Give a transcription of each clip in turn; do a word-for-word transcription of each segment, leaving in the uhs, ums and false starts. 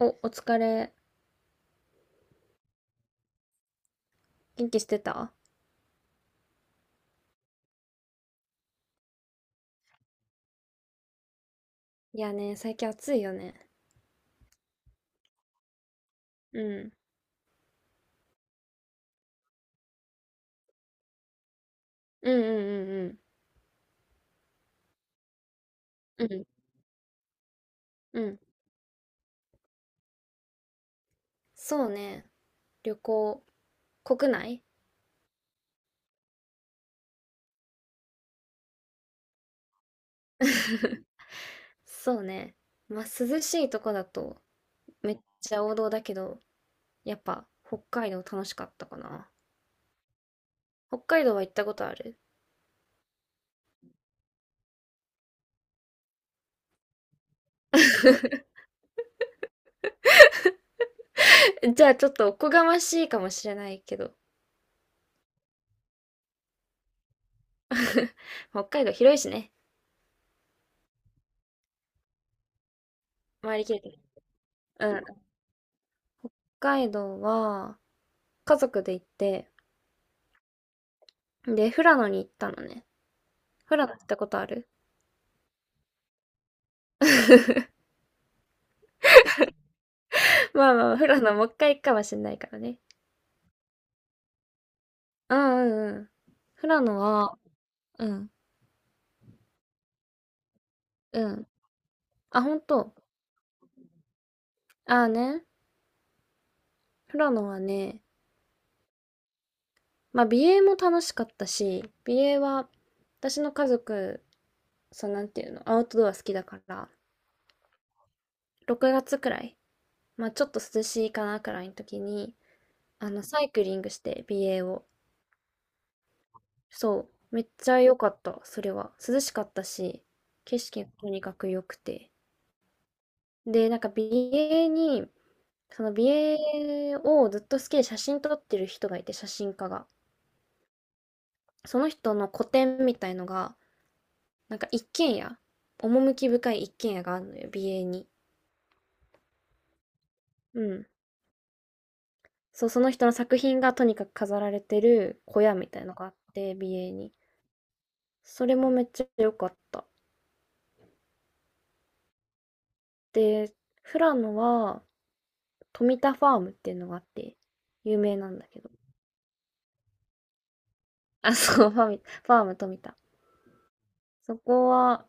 お、お疲れ。元気してた？いやね、最近暑いよね。うん。うんうんうんうん。うん。うん、そうね。旅行、国内。 そうね。まあ、涼しいとこだとめっちゃ王道だけど、やっぱ北海道楽しかったかな。北海道は行ったことある？ じゃあちょっとおこがましいかもしれないけど。北海道広いしね。回りきれてない。うん。北海道は家族で行って、で、富良野に行ったのね。富良野行ったことある？ まあまあ、富良野もう一回行くかもしんないからね。うんうんうん。富良野は、うん、うん。あ、本当。ああね。富良野はね、まあ美瑛も楽しかったし、美瑛は私の家族、そう、なんていうの、アウトドア好きだから、ろくがつくらい、まあちょっと涼しいかなくらいの時に、あの、サイクリングして美瑛を。そう。めっちゃ良かった、それは。涼しかったし、景色がとにかく良くて。で、なんか美瑛に、その美瑛をずっと好きで写真撮ってる人がいて、写真家が。その人の個展みたいのが、なんか一軒家、趣深い一軒家があるのよ、美瑛に。うん。そう、その人の作品がとにかく飾られてる小屋みたいのがあって、美瑛に。それもめっちゃ良かった。で、富良野は、富田ファームっていうのがあって、有名なんだけど。あ、そう、ファミ、ファーム富田。そこは、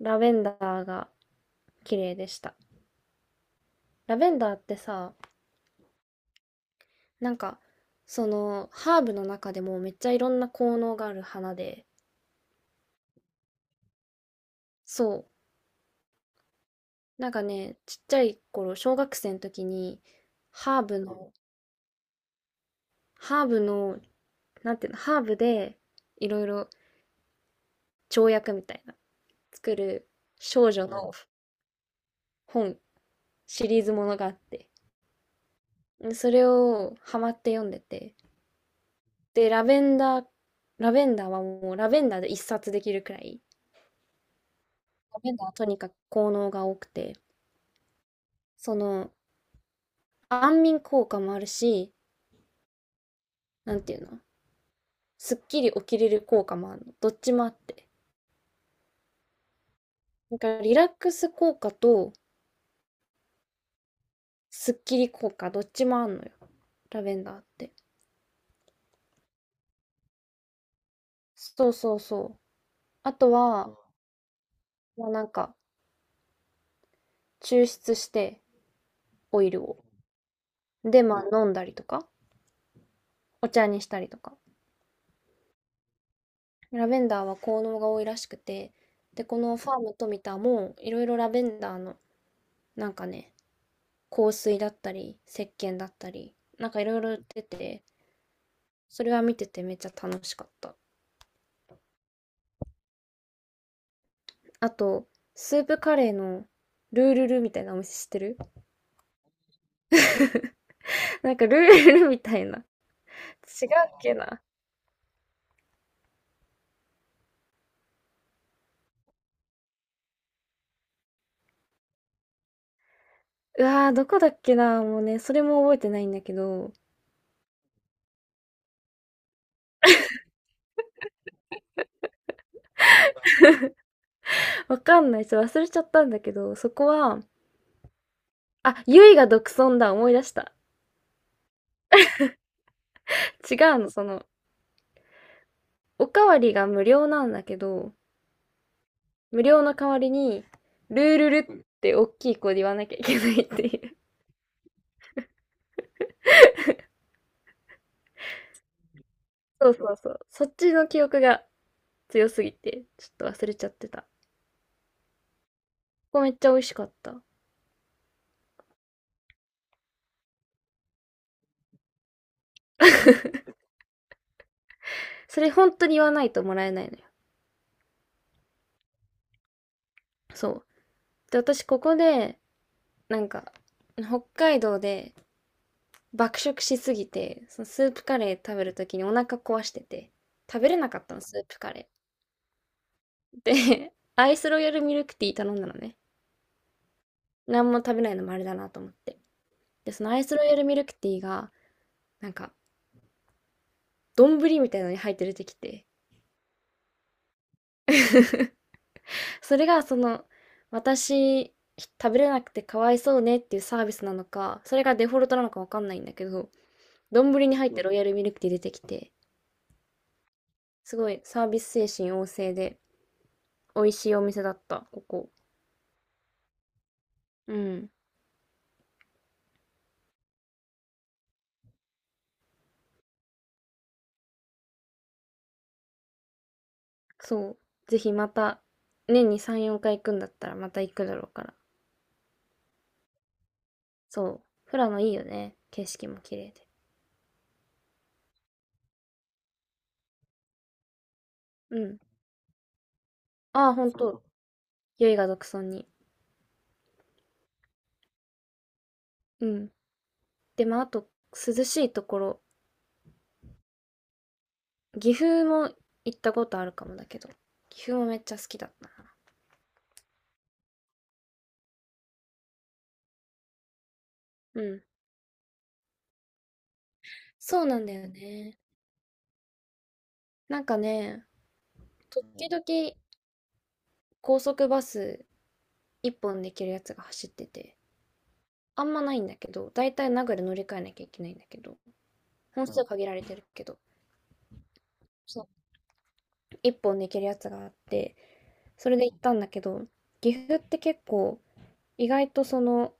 ラベンダーが綺麗でした。ラベンダーってさ、なんか、その、ハーブの中でもめっちゃいろんな効能がある花で、そう、なんかね、ちっちゃい頃、小学生の時に、ハーブの、ハーブの、なんていうの、ハーブで、いろいろ調薬みたいな、作る少女の本、シリーズものがあって、それをハマって読んでて、で、ラベンダー、ラベンダーはもう、ラベンダーで一冊できるくらい、ラベンダーはとにかく効能が多くて、その、安眠効果もあるし、なんていうの、すっきり起きれる効果もあるの。どっちもあって。なんかリラックス効果とすっきり効果どっちもあんのよ。ラベンダーって。そうそうそう。あとは、まあなんか抽出してオイルを。で、まあ飲んだりとか、お茶にしたりとか。ラベンダーは効能が多いらしくて、で、このファーム富田もいろいろラベンダーの、なんかね、香水だったり、石鹸だったり、なんかいろいろ出てて、それは見ててめっちゃ楽しかった。あと、スープカレーのルールルみたいなお店知ってる？ なんかルールルみたいな。違うっけな。うわー、どこだっけな。もうね、それも覚えてないんだけど、わかんない。ちょっと忘れちゃったんだけど、そこは、あ、ゆいが独尊だ。思い出した。違うの、その、おかわりが無料なんだけど、無料の代わりに、ルールルって大きい声で言わなきゃいけないっていう。そうそうそう。そっちの記憶が強すぎて、ちょっと忘れちゃってた。こめっちゃ美味しかった。それ本当に言わないともらえないのよ。そう。で、私ここで、なんか、北海道で爆食しすぎて、そのスープカレー食べるときにお腹壊してて、食べれなかったの、スープカレー。で、アイスロイヤルミルクティー頼んだのね。何も食べないのもあれだなと思って。で、そのアイスロイヤルミルクティーが、なんか、丼みたいなのに入って出てきて、それがその、私、食べれなくてかわいそうねっていうサービスなのか、それがデフォルトなのかわかんないんだけど、丼に入ってロイヤルミルクティー出てきて、すごいサービス精神旺盛で、美味しいお店だった、ここ。うん。そう。ぜひまた、年にさん、よんかい行くんだったらまた行くだろうから。そう。富良野いいよね。景色も綺麗で。うん。ああ、ほんと。酔いが独尊に。うん。でもあと、涼しいところ、岐阜も行ったことあるかもだけど、岐阜もめっちゃ好きだったな。うん。そうなんだよね。なんかね、時々高速バス一本できるやつが走ってて、あんまないんだけど、だいたい名古屋で乗り換えなきゃいけないんだけど、本数限られてるけど、そう、一本できるやつがあって、それで行ったんだけど、岐阜って結構意外とその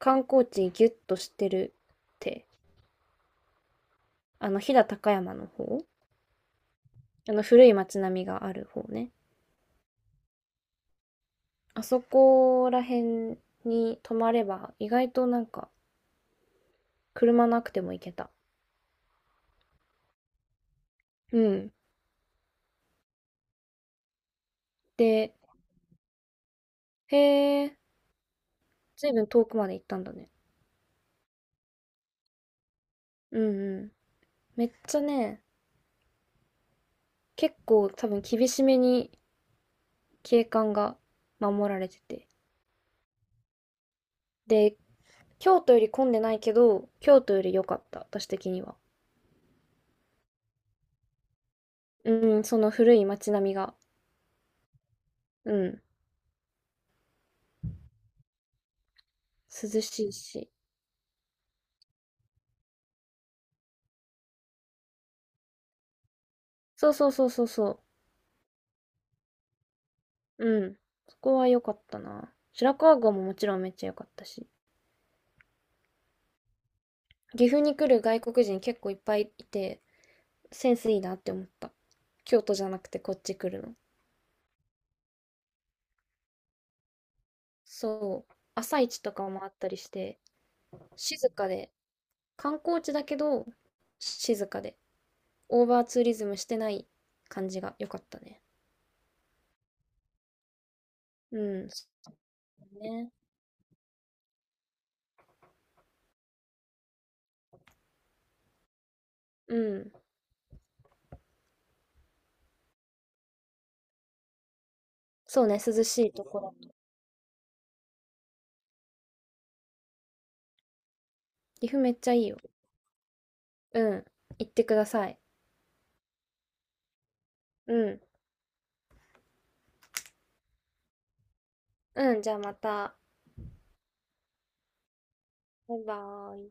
観光地ギュッとしてるって、あの飛騨高山の方、あの古い町並みがある方ね。あそこら辺に泊まれば、意外となんか、車なくても行けた。うん。で、へえ、ずいぶん遠くまで行ったんだね。うんうん。めっちゃね、結構多分厳しめに景観が守られてて。で、京都より混んでないけど、京都より良かった、私的には。うん、その古い街並みが。うん、涼しいし。そうそうそうそうそう。うん。そこは良かったな。白川郷ももちろんめっちゃ良かったし。岐阜に来る外国人結構いっぱいいて、センスいいなって思った。京都じゃなくてこっち来るの。そう。朝市とかもあったりして、静かで、観光地だけど、静かで、オーバーツーリズムしてない感じが良かったね。うん、そうね。うん。そうね、涼しいとこだ。岐阜めっちゃいいよ。うん。行ってください。うん。うん、じゃあまた。バイバーイ。